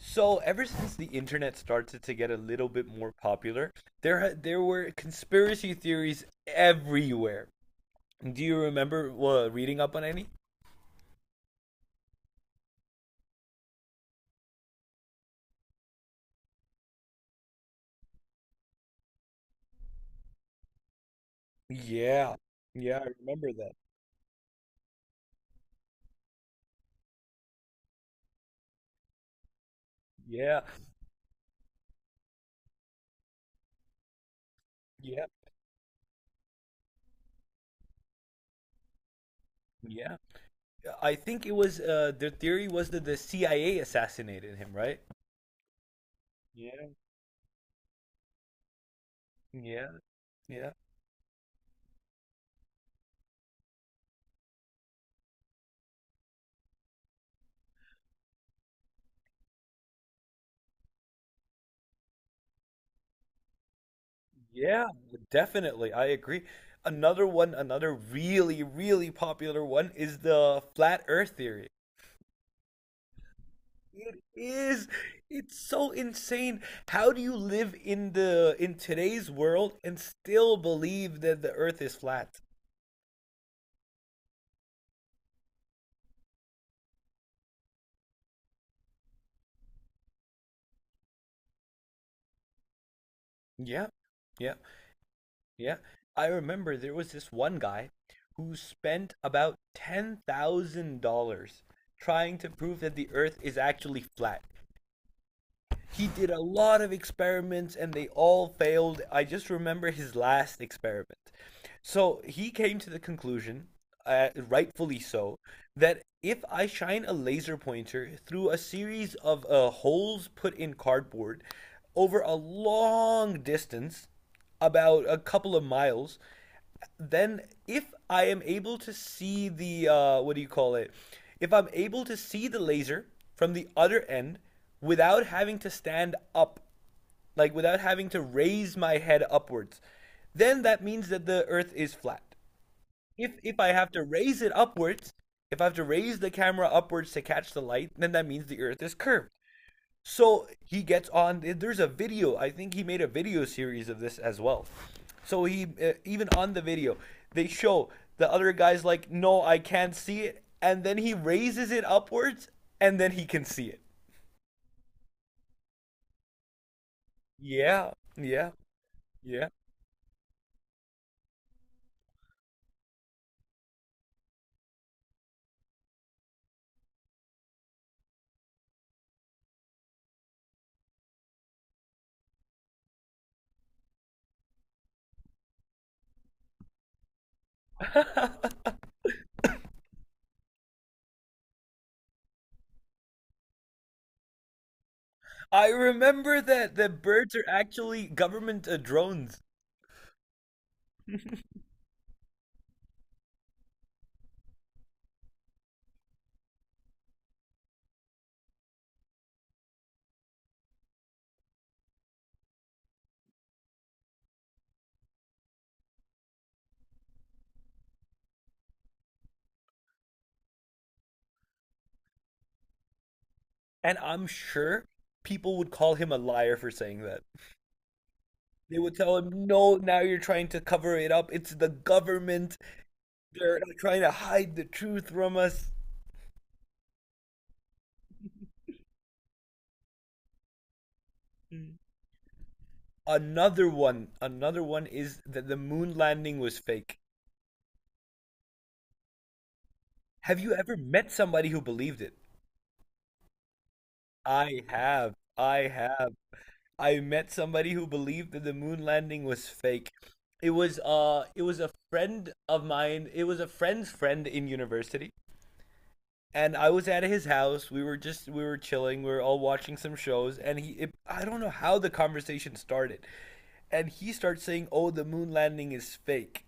So ever since the internet started to get a little bit more popular, there were conspiracy theories everywhere. Do you remember reading up on any? Yeah, yeah, I remember that. Yeah, yeah, yeah. I think it was their theory was that the CIA assassinated him, right? Yeah, yeah, yeah, yeah, definitely. I agree. Another one, another really, really popular one is the flat Earth theory. It is. It's so insane. How do you live in the in today's world and still believe that the earth is flat? Yeah. Yeah. Yeah. I remember there was this one guy who spent about $10,000 trying to prove that the earth is actually flat. He did a lot of experiments and they all failed. I just remember his last experiment. So he came to the conclusion, rightfully so, that if I shine a laser pointer through a series of holes put in cardboard over a long distance, about a couple of miles, then if I am able to see the what do you call it? If I'm able to see the laser from the other end without having to stand up, like without having to raise my head upwards, then that means that the Earth is flat. If I have to raise it upwards, if I have to raise the camera upwards to catch the light, then that means the Earth is curved. So he gets on. There's a video. I think he made a video series of this as well. So he even on the video, they show the other guy's like, "No, I can't see it," and then he raises it upwards, and then he can see it. Yeah, yeah, yeah. I remember that the birds are actually government drones, and I'm sure people would call him a liar for saying that. They would tell him, "No, now you're trying to cover it up. It's the government. They're trying to hide the truth from us." Another one is that the moon landing was fake. Have you ever met somebody who believed it? I have. I have. I met somebody who believed that the moon landing was fake. It was it was a friend of mine. It was a friend's friend in university. And I was at his house. We were chilling. We were all watching some shows, and I don't know how the conversation started, and he starts saying, "Oh, the moon landing is fake."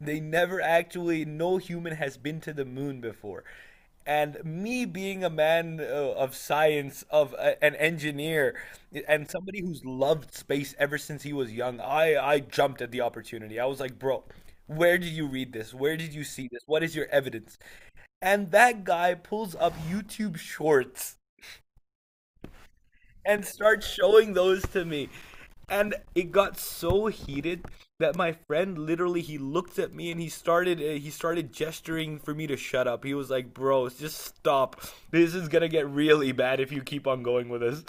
They never actually, no human has been to the moon before. And me being a man of science, of an engineer, and somebody who's loved space ever since he was young, I jumped at the opportunity. I was like, bro, where did you read this? Where did you see this? What is your evidence? And that guy pulls up YouTube shorts and start showing those to me. And it got so heated that my friend literally he looked at me and he started gesturing for me to shut up. He was like, "Bro, just stop. This is going to get really bad if you keep on going with this."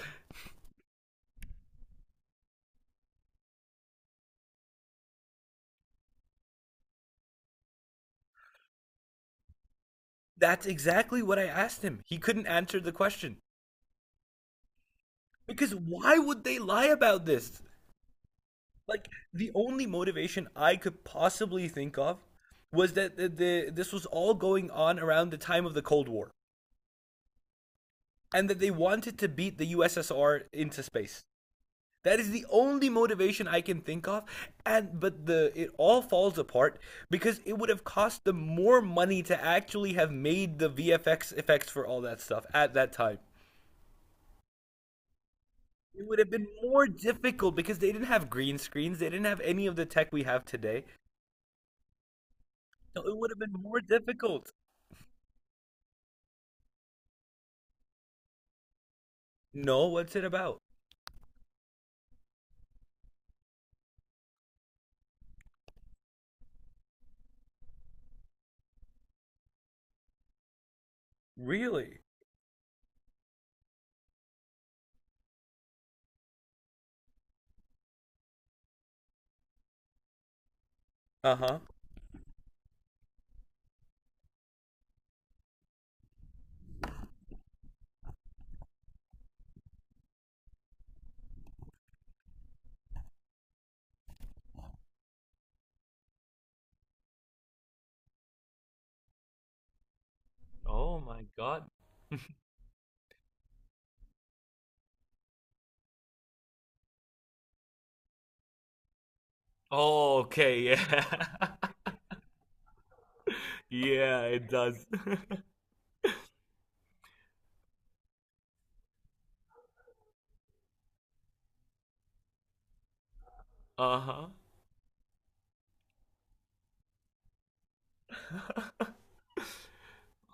That's exactly what I asked him. He couldn't answer the question. Because why would they lie about this? Like the only motivation I could possibly think of was that the this was all going on around the time of the Cold War. And that they wanted to beat the USSR into space. That is the only motivation I can think of, and but the it all falls apart because it would have cost them more money to actually have made the VFX effects for all that stuff at that time. It would have been more difficult because they didn't have green screens, they didn't have any of the tech we have today. So it would have been more difficult. No, what's it about? Really? Uh huh. Oh my god. Oh, okay, yeah. yeah, it does. Uh-huh.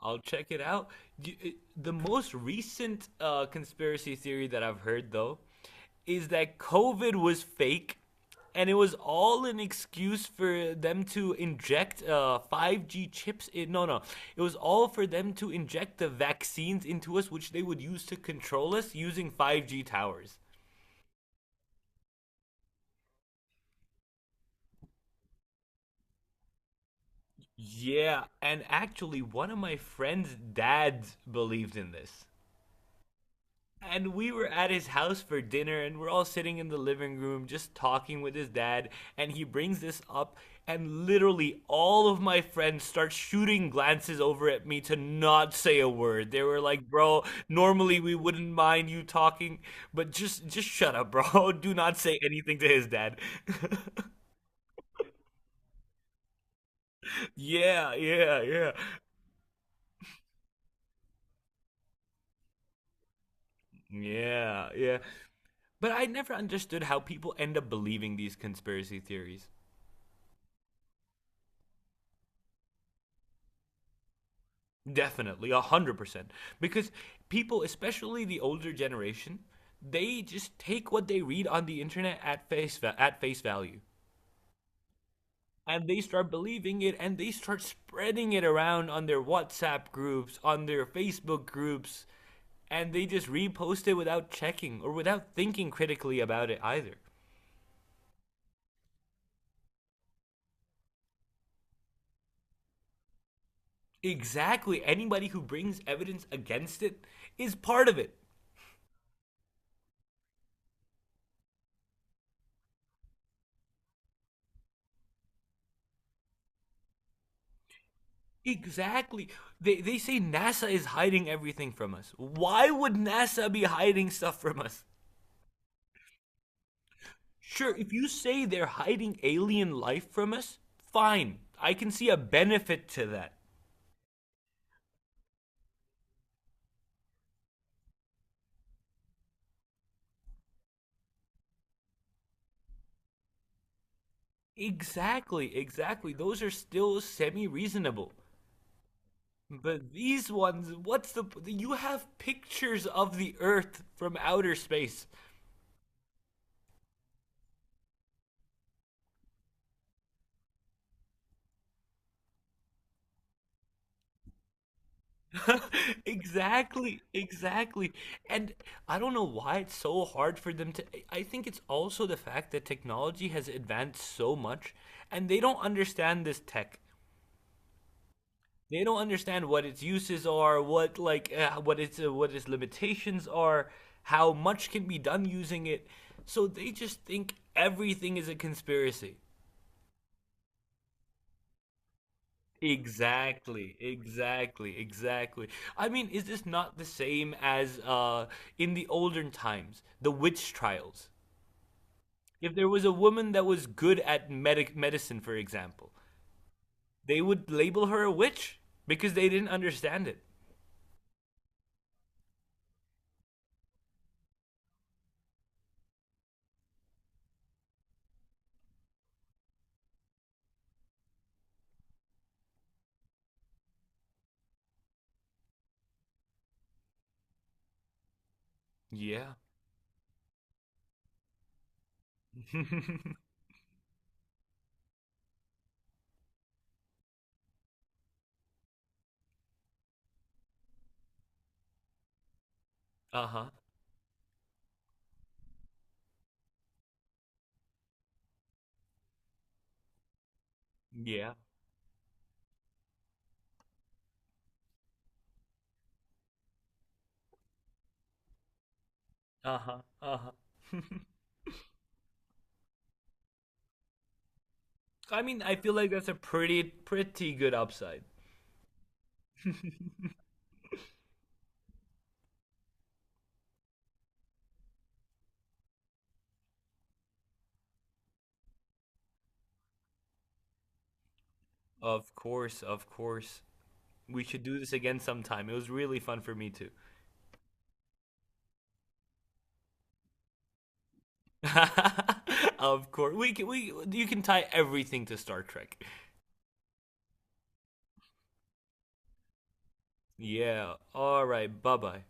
I'll check it out. You- it- The most recent conspiracy theory that I've heard, though, is that COVID was fake and it was all an excuse for them to inject 5G chips in. No, no. It was all for them to inject the vaccines into us, which they would use to control us using 5G towers. Yeah, and actually, one of my friend's dads believed in this. And we were at his house for dinner and we're all sitting in the living room just talking with his dad and he brings this up and literally all of my friends start shooting glances over at me to not say a word. They were like, bro, normally we wouldn't mind you talking, but just shut up, bro. do not say anything to his dad. yeah, yeah, yeah, yeah, yeah. But I never understood how people end up believing these conspiracy theories. Definitely, 100%. Because people, especially the older generation, they just take what they read on the internet at at face value, and they start believing it, and they start spreading it around on their WhatsApp groups, on their Facebook groups, and they just repost it without checking or without thinking critically about it either. Exactly, anybody who brings evidence against it is part of it. Exactly. They say NASA is hiding everything from us. Why would NASA be hiding stuff from us? Sure, if you say they're hiding alien life from us, fine. I can see a benefit to that. Exactly, exactly. Those are still semi-reasonable. But these ones, what's the you have pictures of the Earth from outer space. Exactly, exactly. And I don't know why it's so hard for them to. I think it's also the fact that technology has advanced so much and they don't understand this tech. They don't understand what its uses are, what like what its limitations are, how much can be done using it. So they just think everything is a conspiracy. Exactly, exactly, exactly. I mean, is this not the same as in the olden times, the witch trials? If there was a woman that was good at medicine, for example, they would label her a witch because they didn't understand it. Yeah. Uh-huh. Yeah. Uh-huh. Uh-huh. I mean, I feel like that's a pretty, pretty good upside. Of course, of course. We should do this again sometime. It was really fun for me too. of course, we can, we you can tie everything to Star Trek. Yeah. All right. Bye bye.